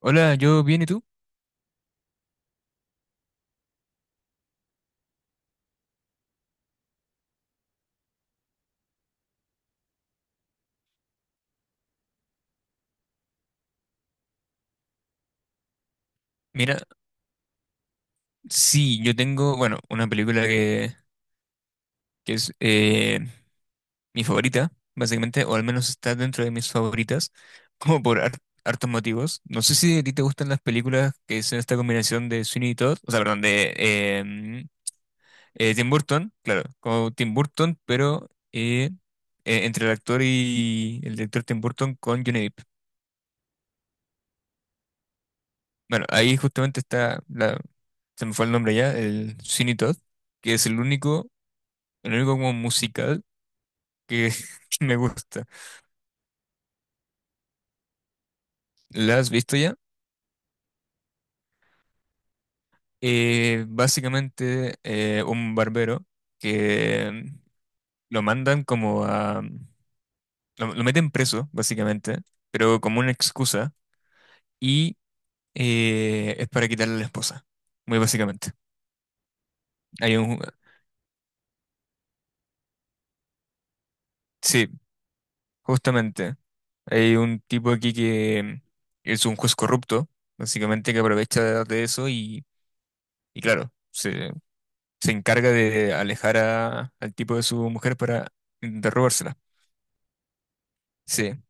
Hola, yo bien, ¿y tú? Mira, sí, yo tengo, bueno, una película que es mi favorita, básicamente, o al menos está dentro de mis favoritas, como hartos motivos. No sé si a ti te gustan las películas que es esta combinación de Sweeney y Todd, o sea, perdón, de em, Tim Burton, claro, como Tim Burton, pero entre el actor y el director Tim Burton con Johnny Depp. Bueno, ahí justamente está, la, se me fue el nombre ya, el Sweeney Todd, que es el único, el único como musical que, que me gusta. ¿La has visto ya? Básicamente un barbero que lo mandan como a... Lo meten preso, básicamente, pero como una excusa y es para quitarle a la esposa, muy básicamente. Hay un... Sí, justamente. Hay un tipo aquí que es un juez corrupto, básicamente, que aprovecha de eso y claro, se encarga de al tipo de su mujer para intentar robársela. Sí.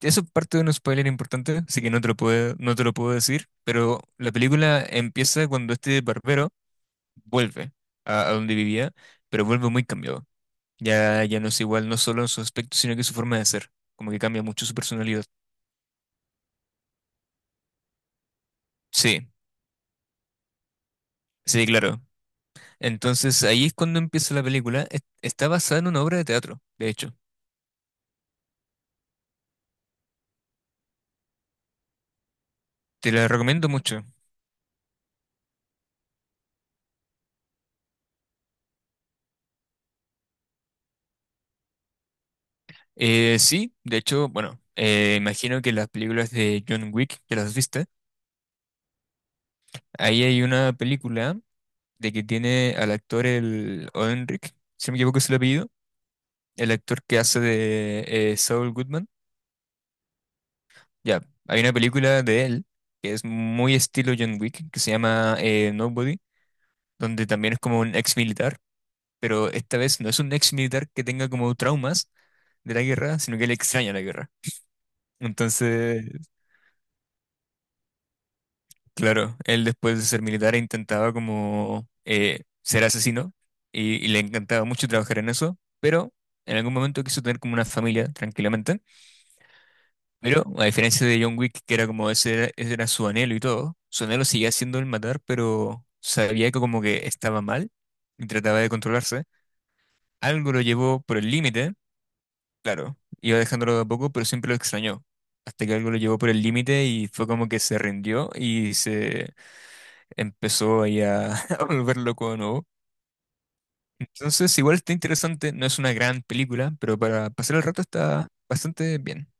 Eso es parte de un spoiler importante, así que no te lo puedo decir, pero la película empieza cuando este barbero vuelve a donde vivía, pero vuelve muy cambiado. Ya, ya no es igual, no solo en su aspecto, sino que su forma de ser, como que cambia mucho su personalidad. Sí, sí, claro. Entonces ahí es cuando empieza la película. Está basada en una obra de teatro, de hecho. Te la recomiendo mucho. Sí, de hecho, bueno, imagino que las películas de John Wick, que las viste, ahí hay una película de que tiene al actor el Oenric, si no me equivoco es el apellido, el actor que hace de Saul Goodman. Ya, hay una película de él que es muy estilo John Wick, que se llama Nobody, donde también es como un ex militar, pero esta vez no es un ex militar que tenga como traumas de la guerra, sino que le extraña la guerra. Entonces, claro, él después de ser militar intentaba como ser asesino y le encantaba mucho trabajar en eso, pero en algún momento quiso tener como una familia tranquilamente, pero a diferencia de John Wick, que era como ese era su anhelo y todo, su anhelo seguía siendo el matar, pero sabía que como que estaba mal y trataba de controlarse, algo lo llevó por el límite, claro, iba dejándolo de a poco, pero siempre lo extrañó, hasta que algo lo llevó por el límite y fue como que se rindió y se empezó ahí a, a volver loco de nuevo. Entonces, igual está interesante, no es una gran película, pero para pasar el rato está bastante bien.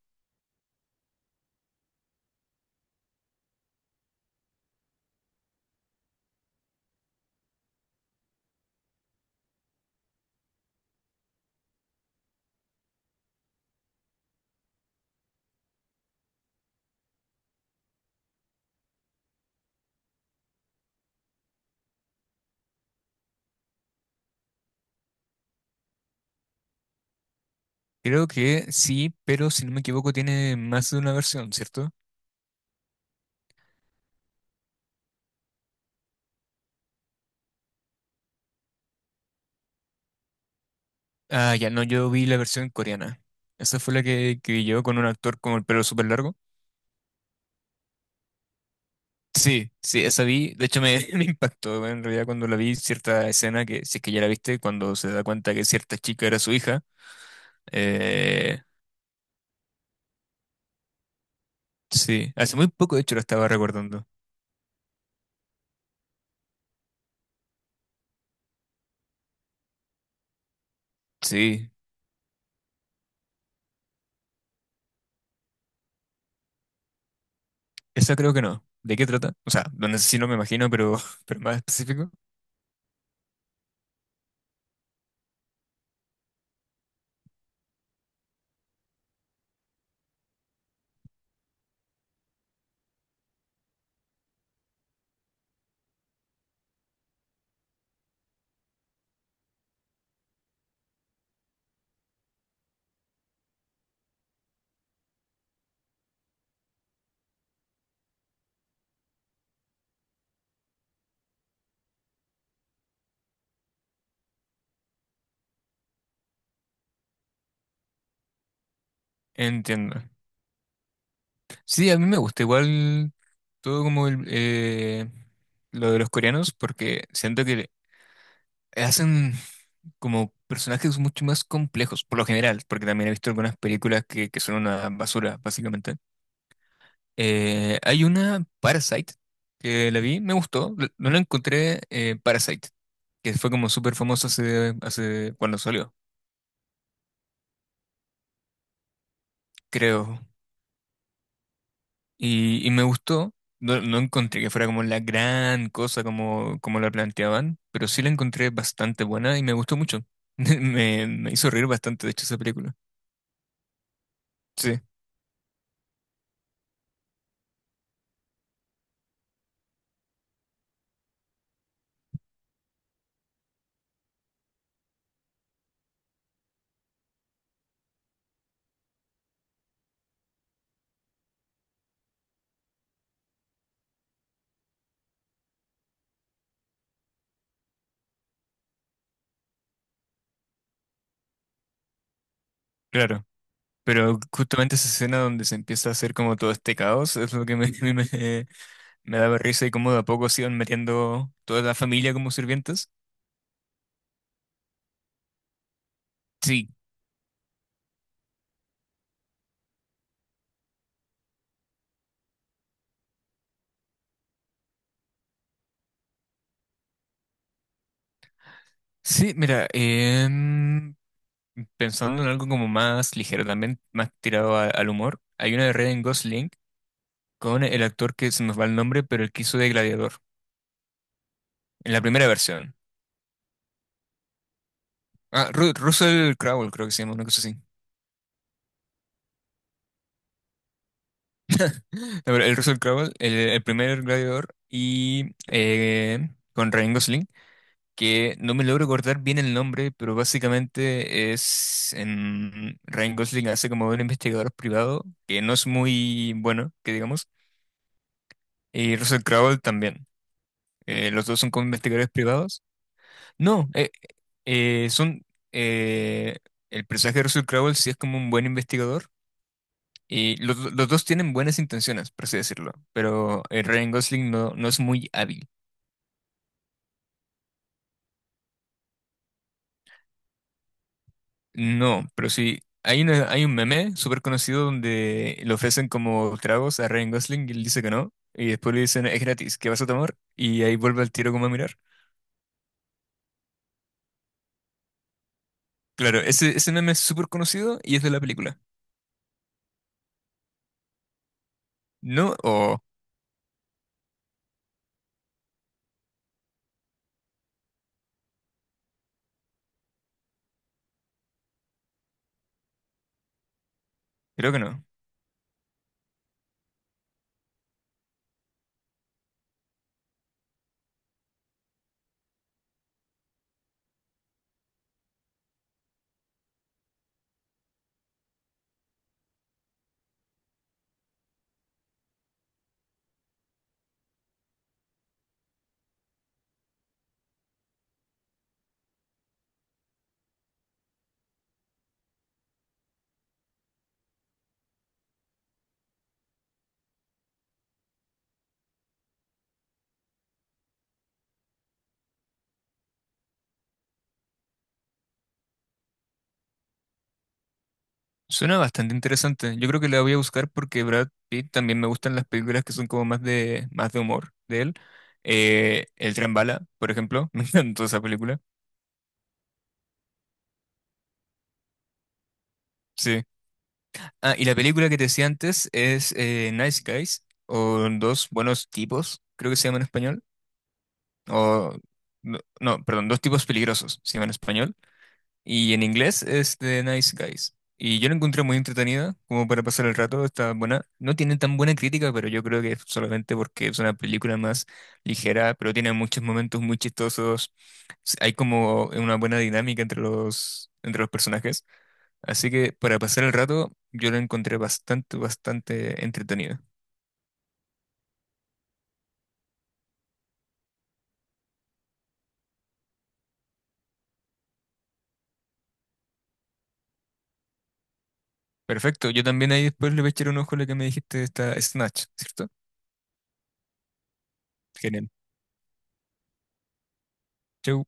Creo que sí, pero si no me equivoco tiene más de una versión, ¿cierto? Ah, ya no, yo vi la versión coreana. Esa fue la que vi yo con un actor con el pelo súper largo. Sí, sí, esa vi. De hecho, me impactó en realidad cuando la vi cierta escena que, si es que ya la viste, cuando se da cuenta que cierta chica era su hija. Eh, sí, hace muy poco, de hecho, la estaba recordando. Sí, esa creo que no. ¿De qué trata? O sea, donde sí no me imagino, pero, pero más específico. Entiendo. Sí, a mí me gusta igual todo como lo de los coreanos, porque siento que hacen como personajes mucho más complejos, por lo general, porque también he visto algunas películas que son una basura, básicamente. Hay una Parasite que la vi, me gustó, no la encontré Parasite, que fue como súper famosa hace cuando salió, creo. Y me gustó. No, no encontré que fuera como la gran cosa como la planteaban, pero sí la encontré bastante buena y me gustó mucho. Me hizo reír bastante, de hecho, esa película. Sí, claro. Pero justamente esa escena donde se empieza a hacer como todo este caos es lo que me daba risa y cómo de a poco se iban metiendo toda la familia como sirvientas. Sí, sí, mira, pensando en algo como más ligero, también más tirado al humor, hay una de Ryan Gosling. Con el actor que se nos va el nombre, pero el que hizo de Gladiador, en la primera versión. Ah, Russell Crowe, creo que se llama, una cosa así. No, pero el Russell Crowe, el primer Gladiador, y con Ryan Gosling, que no me logro acordar bien el nombre, pero básicamente es en Ryan Gosling hace como un investigador privado, que no es muy bueno, que digamos, y Russell Crowe también. Los dos son como investigadores privados. No, son eh, el personaje de Russell Crowe sí es como un buen investigador y los, los dos tienen buenas intenciones, por así decirlo, pero Ryan Gosling no, no es muy hábil. No, pero sí, hay, hay un meme súper conocido donde le ofrecen como tragos a Ryan Gosling y él dice que no, y después le dicen es gratis, ¿qué vas a tomar? Y ahí vuelve al tiro como a mirar. Claro, ese meme es súper conocido y es de la película. No, o creo que no. Suena bastante interesante. Yo creo que la voy a buscar porque Brad Pitt también me gustan las películas que son como más de humor de él. El tren bala, por ejemplo. Me encantó esa película. Sí. Ah, y la película que te decía antes es Nice Guys o Dos Buenos Tipos, creo que se llama en español. O, no, no, perdón, Dos Tipos Peligrosos se llama en español. Y en inglés es The Nice Guys. Y yo la encontré muy entretenida, como para pasar el rato, está buena. No tiene tan buena crítica, pero yo creo que es solamente porque es una película más ligera, pero tiene muchos momentos muy chistosos. Hay como una buena dinámica entre entre los personajes. Así que para pasar el rato, yo la encontré bastante entretenida. Perfecto, yo también ahí después le voy a echar un ojo a lo que me dijiste, esta Snatch, ¿cierto? Genial. Chau.